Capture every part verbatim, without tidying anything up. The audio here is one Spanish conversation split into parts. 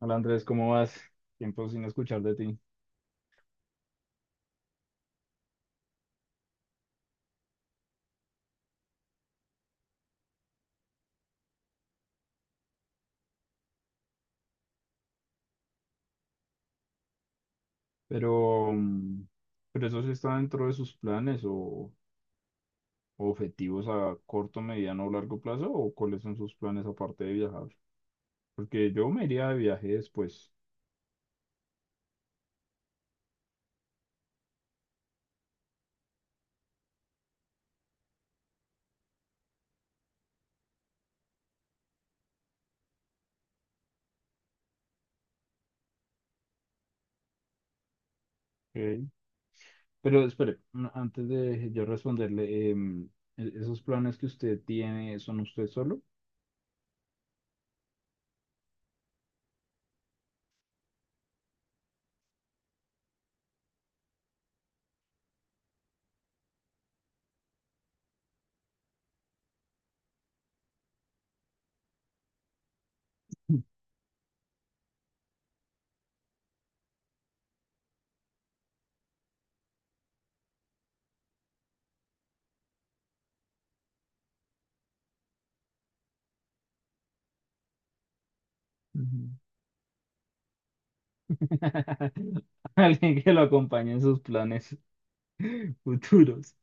Hola Andrés, ¿cómo vas? Tiempo sin escuchar de ti. Pero, mm, ¿pero eso sí está dentro de sus planes o, o objetivos a corto, mediano o largo plazo? ¿O cuáles son sus planes aparte de viajar? Porque yo me iría de viaje después. Ok. Pero espere, n- antes de yo responderle, em, e- ¿esos planes que usted tiene son usted solo? Ujú. Alguien que lo acompañe en sus planes futuros.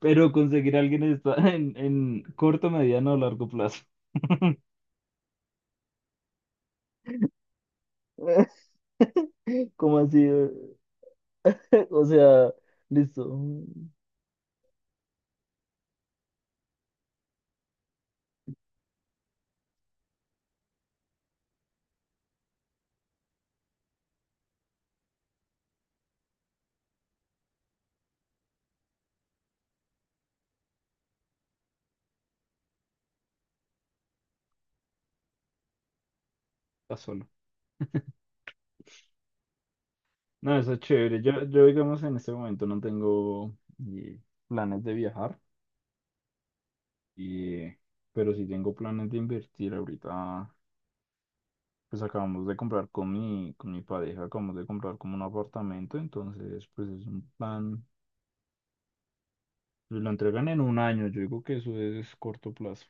Pero conseguir a alguien está en, en corto, mediano o largo plazo. ¿Cómo así? O sea, listo. Está solo. No, eso es chévere. Yo, yo digamos, en este momento no tengo eh, planes de viajar, y, pero sí tengo planes de invertir. Ahorita, pues acabamos de comprar con mi, con mi pareja, acabamos de comprar como un apartamento, entonces, pues es un plan. Pues lo entregan en un año, yo digo que eso es corto plazo.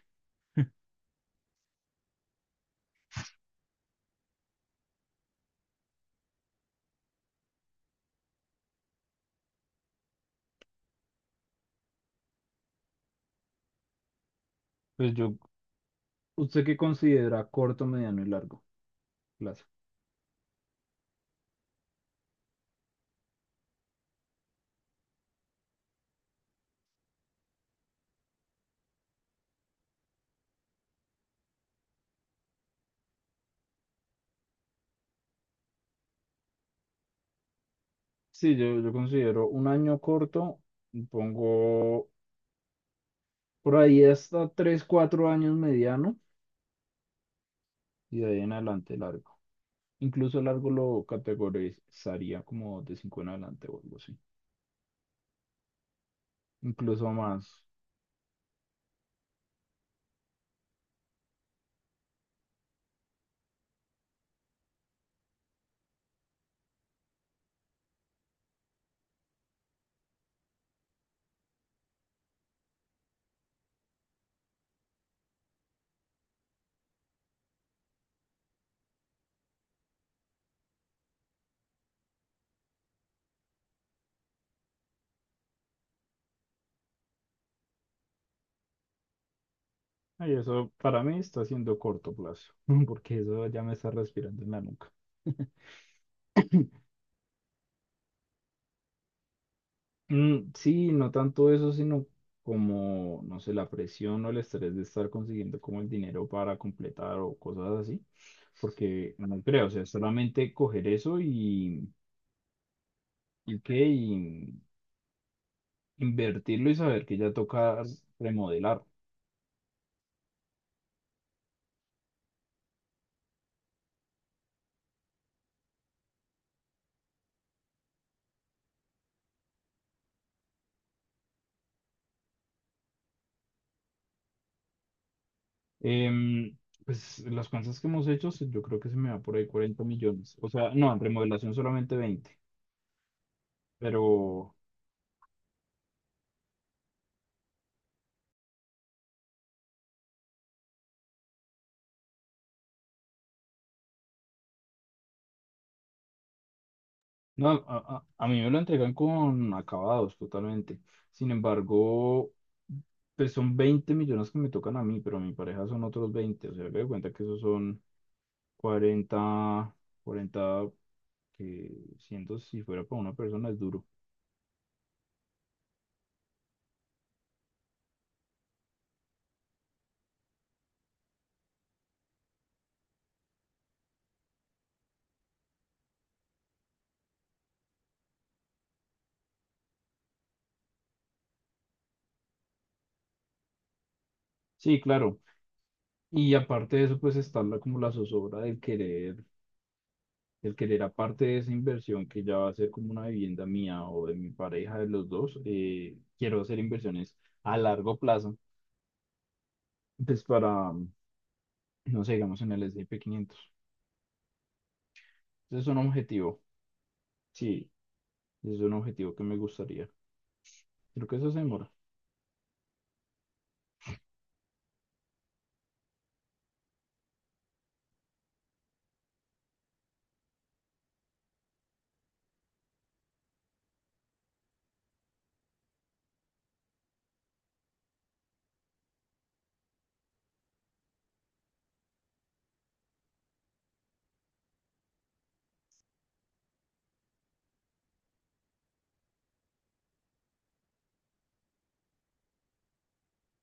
Pues yo ¿Usted qué considera corto, mediano y largo plazo? Sí, yo, yo considero un año corto, y pongo por ahí hasta tres cuatro años mediano y de ahí en adelante largo. Incluso largo lo categorizaría como de cinco en adelante o algo así. Incluso más. Y eso para mí está siendo corto plazo, porque eso ya me está respirando en la nuca. Mm, sí, no tanto eso, sino como, no sé, la presión o el estrés de estar consiguiendo como el dinero para completar o cosas así. Porque no creo, o sea, solamente coger eso y, y qué, y invertirlo y saber que ya toca remodelar. Em, pues las cosas que hemos hecho, se- yo creo que se me va por ahí cuarenta millones. O sea, no, en remodelación solamente veinte, pero no, a, a- a mí me lo entregan con acabados totalmente. Sin embargo, pues son veinte millones que me tocan a mí, pero a mi pareja son otros veinte. O sea, me doy cuenta que esos son cuarenta cuarenta que siento si fuera para una persona es duro. Sí, claro. Y aparte de eso, pues está la, como la zozobra del querer, del querer aparte de esa inversión que ya va a ser como una vivienda mía o de mi pareja, de los dos, eh, quiero hacer inversiones a largo plazo, pues para, no sé, digamos en el ese and pe quinientos. Ese es un objetivo, sí, ese es un objetivo que me gustaría. Creo que eso se demora.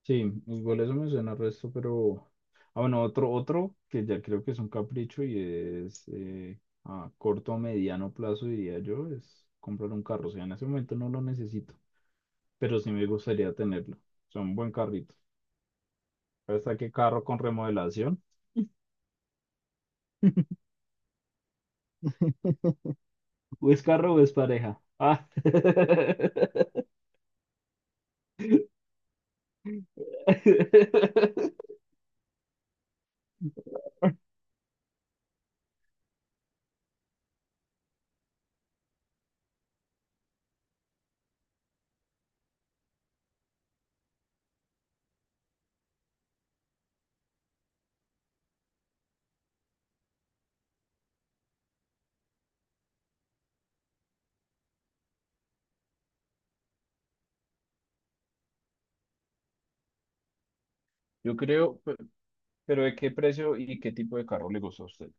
Sí, igual eso me suena al resto, pero... Ah, bueno, otro, otro que ya creo que es un capricho y es eh, a corto o mediano plazo, diría yo, es comprar un carro. O sea, en ese momento no lo necesito, pero sí me gustaría tenerlo. O sea, un buen carrito. ¿Hasta qué carro con remodelación? ¿O es carro o es pareja? Ah. Yo creo, pero ¿de qué precio y qué tipo de carro le gustó a usted?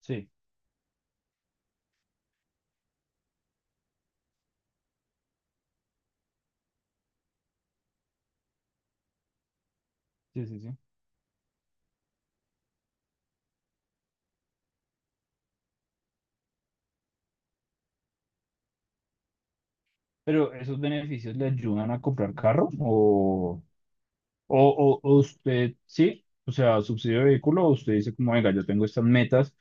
Sí, sí, sí, sí. Pero ¿esos beneficios le ayudan a comprar carro? ¿O, o, o- o usted, sí? O sea, subsidio de vehículo, o usted dice como, venga, yo tengo estas metas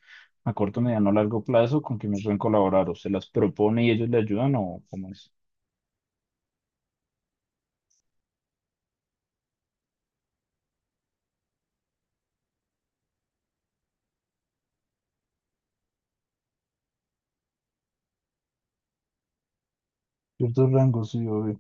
a corto, mediano, largo plazo, ¿con quién me pueden colaborar? ¿O se las propone y ellos le ayudan o cómo es? Ciertos rangos, sí, obvio.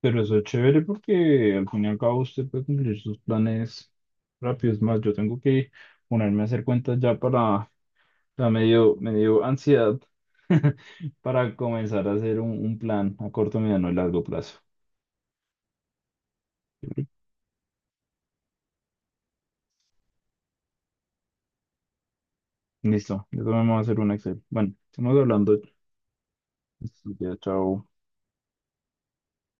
Pero eso es chévere porque al fin y al cabo usted puede cumplir sus planes rápidos. Es más, yo tengo que ponerme a hacer cuentas ya para... O sea, me dio, me dio ansiedad para comenzar a hacer un, un plan a corto, mediano y largo plazo. Listo, yo también me voy a hacer un Excel. Bueno, estamos hablando. Listo, ya, chao.